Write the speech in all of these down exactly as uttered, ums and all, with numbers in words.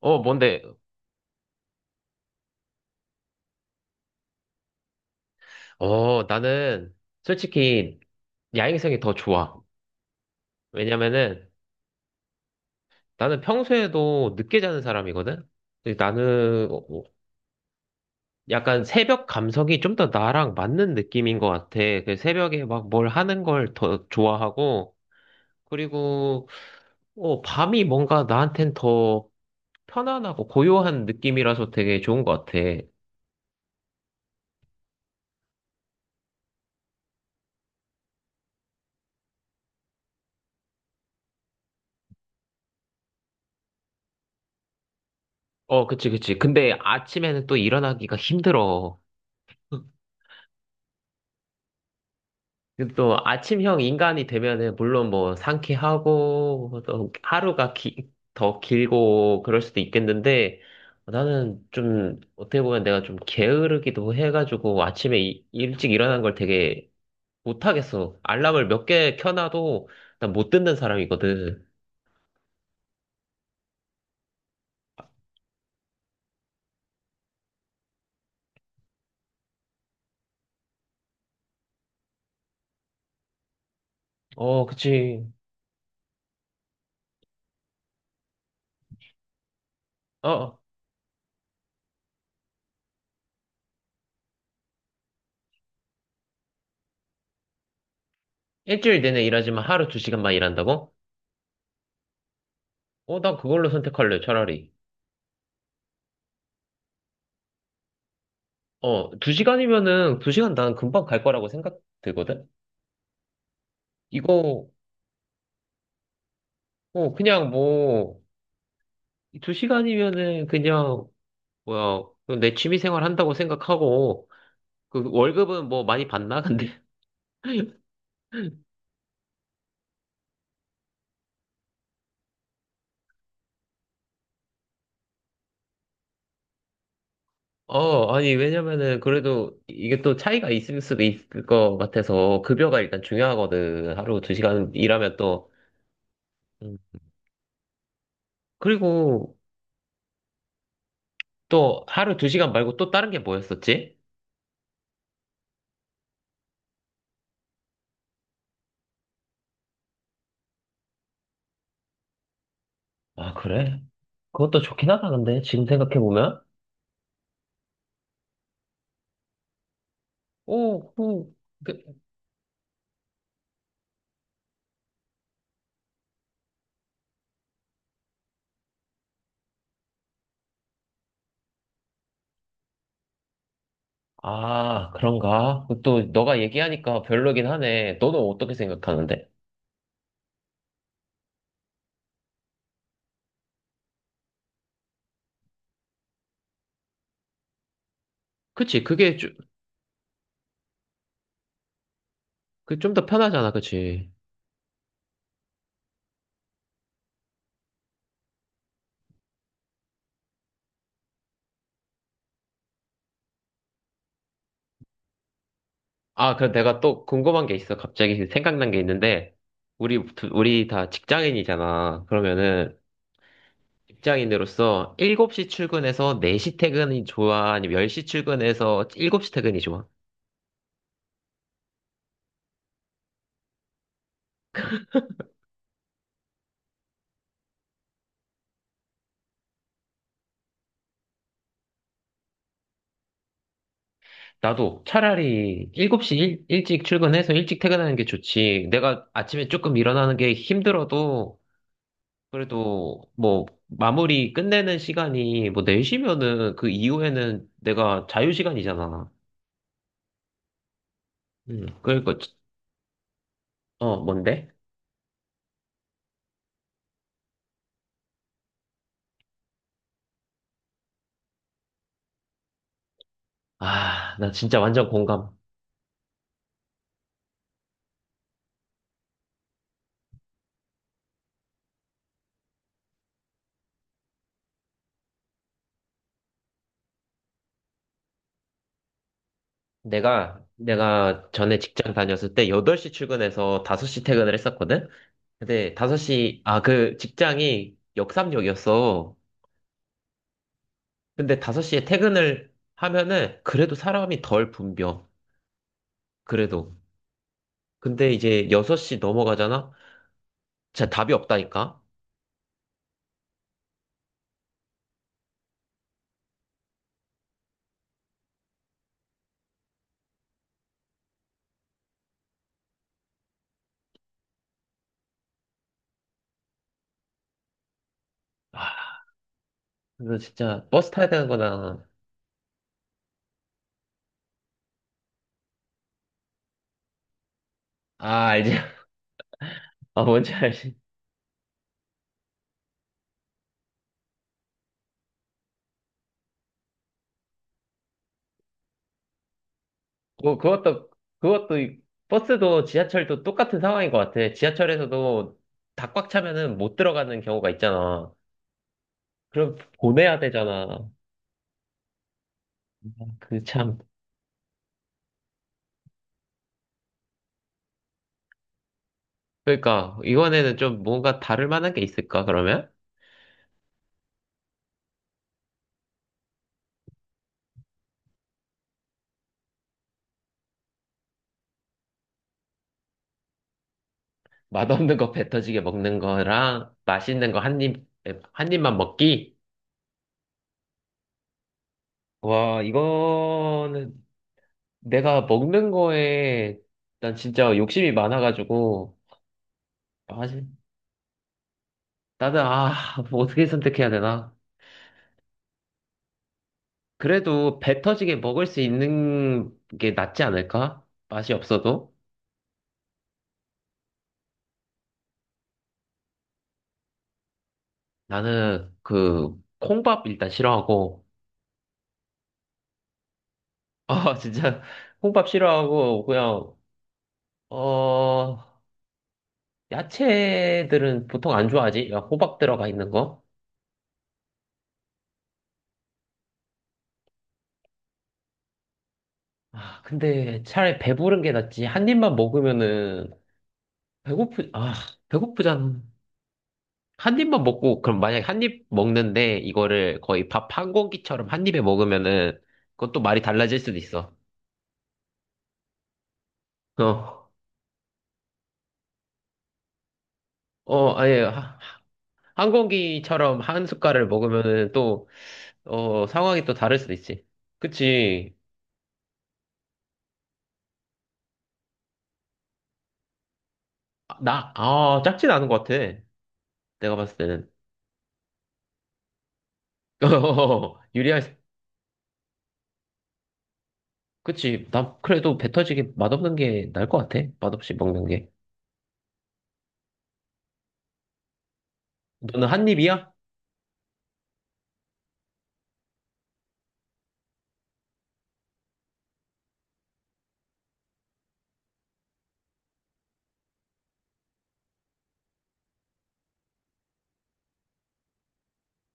어, 뭔데? 어, 나는 솔직히 야행성이 더 좋아. 왜냐면은 나는 평소에도 늦게 자는 사람이거든? 근데 나는 어, 어, 약간 새벽 감성이 좀 더 나랑 맞는 느낌인 것 같아. 그 새벽에 막 뭘 하는 걸 더 좋아하고, 그리고 어, 밤이 뭔가 나한텐 더 편안하고 고요한 느낌이라서 되게 좋은 것 같아. 어, 그치, 그치. 근데 아침에는 또 일어나기가 힘들어. 그리고 또 아침형 인간이 되면은 물론 뭐 상쾌하고 또 하루가 기- 더 길고 그럴 수도 있겠는데 나는 좀 어떻게 보면 내가 좀 게으르기도 해가지고 아침에 이- 일찍 일어난 걸 되게 못하겠어. 알람을 몇 개 켜놔도 난 못 듣는 사람이거든. 어, 그치. 어, 일주일 내내 일하지만 하루 두 시간만 일한다고? 어, 난 그걸로 선택할래, 차라리. 어, 두 시간이면은 두 시간 난 금방 갈 거라고 생각 들거든? 이거 어, 그냥 뭐, 두 시간이면은 그냥, 뭐야, 내 취미 생활 한다고 생각하고, 그 월급은 뭐 많이 받나? 근데, 어, 아니, 왜냐면은 그래도 이게 또 차이가 있을 수도 있을 것 같아서, 급여가 일단 중요하거든. 하루 두 시간 일하면 또. 음. 그리고 또 하루 두 시간 말고 또 다른 게 뭐였었지? 아, 그래? 그것도 좋긴 하다, 근데, 지금 생각해보면. 오, 오. 아, 그런가? 또 너가 얘기하니까 별로긴 하네. 너는 어떻게 생각하는데? 그치, 그게 좀. 그좀 더 편하잖아, 그치? 아, 그럼 내가 또 궁금한 게 있어. 갑자기 생각난 게 있는데, 우리, 두- 우리 다 직장인이잖아. 그러면은, 직장인으로서 일곱 시 출근해서 네 시 퇴근이 좋아? 아니면 열 시 출근해서 일곱 시 퇴근이 좋아? 나도 차라리 일곱 시 일, 일찍 출근해서 일찍 퇴근하는 게 좋지. 내가 아침에 조금 일어나는 게 힘들어도 그래도 뭐 마무리 끝내는 시간이 뭐 네 시면은 그 이후에는 내가 자유 시간이잖아. 음, 그러니까. 지- 어, 뭔데? 아, 나 진짜 완전 공감. 내가 내가 전에 직장 다녔을 때 여덟 시 출근해서 다섯 시 퇴근을 했었거든. 근데 다섯 시, 아 그 직장이 역삼역이었어. 근데 다섯 시에 퇴근을 하면은 그래도 사람이 덜 붐벼. 그래도. 근데 이제 여섯 시 넘어가잖아. 진짜 답이 없다니까. 아, 그래서 진짜 버스 타야 되는 거나. 아, 알지. 아, 뭔지 알지. 그 그것도 그것도 이- 버스도 지하철도 똑같은 상황인 것 같아. 지하철에서도 다 꽉 차면은 못 들어가는 경우가 있잖아. 그럼 보내야 되잖아. 그 참. 그러니까 이번에는 좀 뭔가 다를 만한 게 있을까, 그러면. 맛없는 거 뱉어지게 먹는 거랑 맛있는 거 한 입 한 입만 먹기. 와, 이거는. 내가 먹는 거에 난 진짜 욕심이 많아가지고, 사실. 나는, 아, 뭐 어떻게 선택해야 되나? 그래도 배 터지게 먹을 수 있는 게 낫지 않을까? 맛이 없어도. 나는 그 콩밥 일단 싫어하고. 아, 진짜 콩밥 싫어하고 그냥 어 야채들은 보통 안 좋아하지? 야, 호박 들어가 있는 거? 아, 근데 차라리 배부른 게 낫지. 한 입만 먹으면은 배고프 아 배고프잖아. 한 입만 먹고, 그럼 만약에 한입 먹는데 이거를 거의 밥 한 공기처럼 한 입에 먹으면은 그것도 말이 달라질 수도 있어. 어, 어, 아니, 하- 한 공기처럼 한 숟갈을 먹으면은 또, 어, 상황이 또 다를 수도 있지. 그치. 아, 나, 아, 작진 않은 것 같아. 내가 봤을 때는. 어, 유리할, 수-. 그치. 나 그래도 배 터지게 맛없는 게 나을 것 같아. 맛없이 먹는 게. 너는 한 입이야?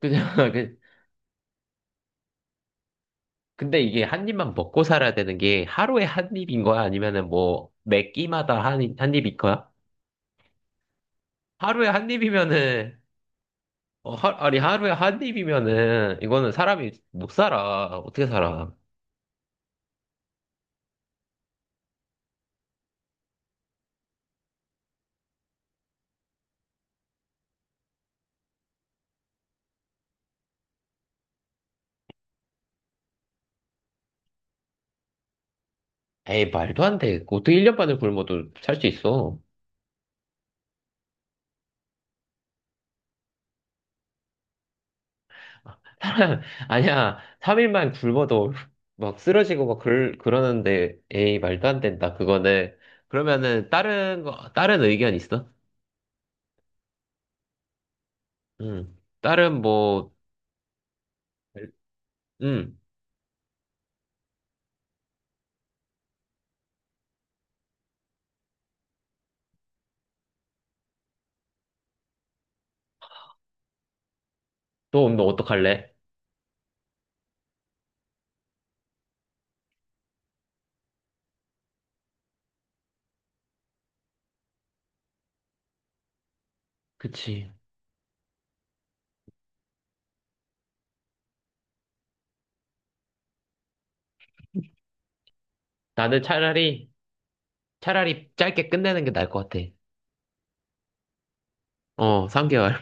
그냥, 근데 이게 한 입만 먹고 살아야 되는 게 하루에 한 입인 거야? 아니면은 뭐 매 끼마다 한, 입- 한 입인 거야? 하루에 한 입이면은, 어, 하, 아니, 하루에 한 입이면은 이거는 사람이 못 살아. 어떻게 살아? 에이, 말도 안 돼. 어떻게 일 년 반을 굶어도 살 수 있어? 사람, 아니야. 삼 일만 굶어도 막 쓰러지고 막그 그러는데, 에이, 말도 안 된다. 그거는. 그러면은 다른 거, 다른 의견 있어? 응. 다른 뭐, 응. 너 운동 어떡할래? 그치. 나는 차라리, 차라리 짧게 끝내는 게 나을 것 같아. 어, 삼 개월.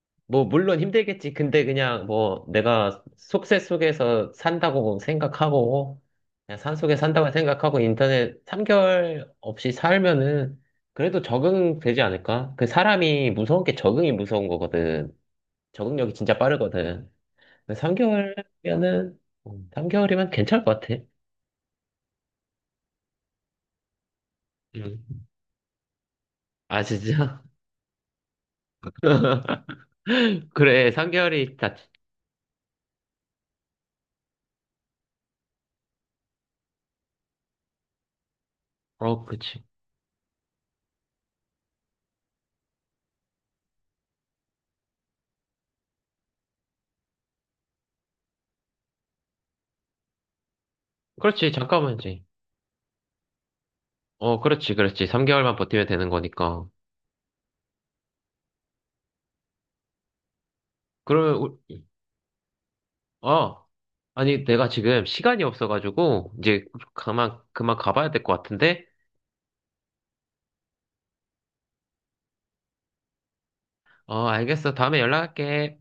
뭐, 물론 힘들겠지. 근데 그냥 뭐, 내가 속세 속에서 산다고 생각하고, 그냥 산속에 산다고 생각하고, 인터넷 삼 개월 없이 살면은, 그래도 적응되지 않을까? 그 사람이 무서운 게 적응이 무서운 거거든. 적응력이 진짜 빠르거든. 삼 개월면은, 삼 개월이면 괜찮을 것 같아. 음. 아, 진짜? 그래, 삼 개월이 다, 어, 그치. 그렇지, 잠깐만, 지 어, 그렇지, 그렇지. 삼 개월만 버티면 되는 거니까. 그러면, 우- 어, 아니, 내가 지금 시간이 없어가지고, 이제, 그만, 그만 가봐야 될 것 같은데? 어, 알겠어. 다음에 연락할게.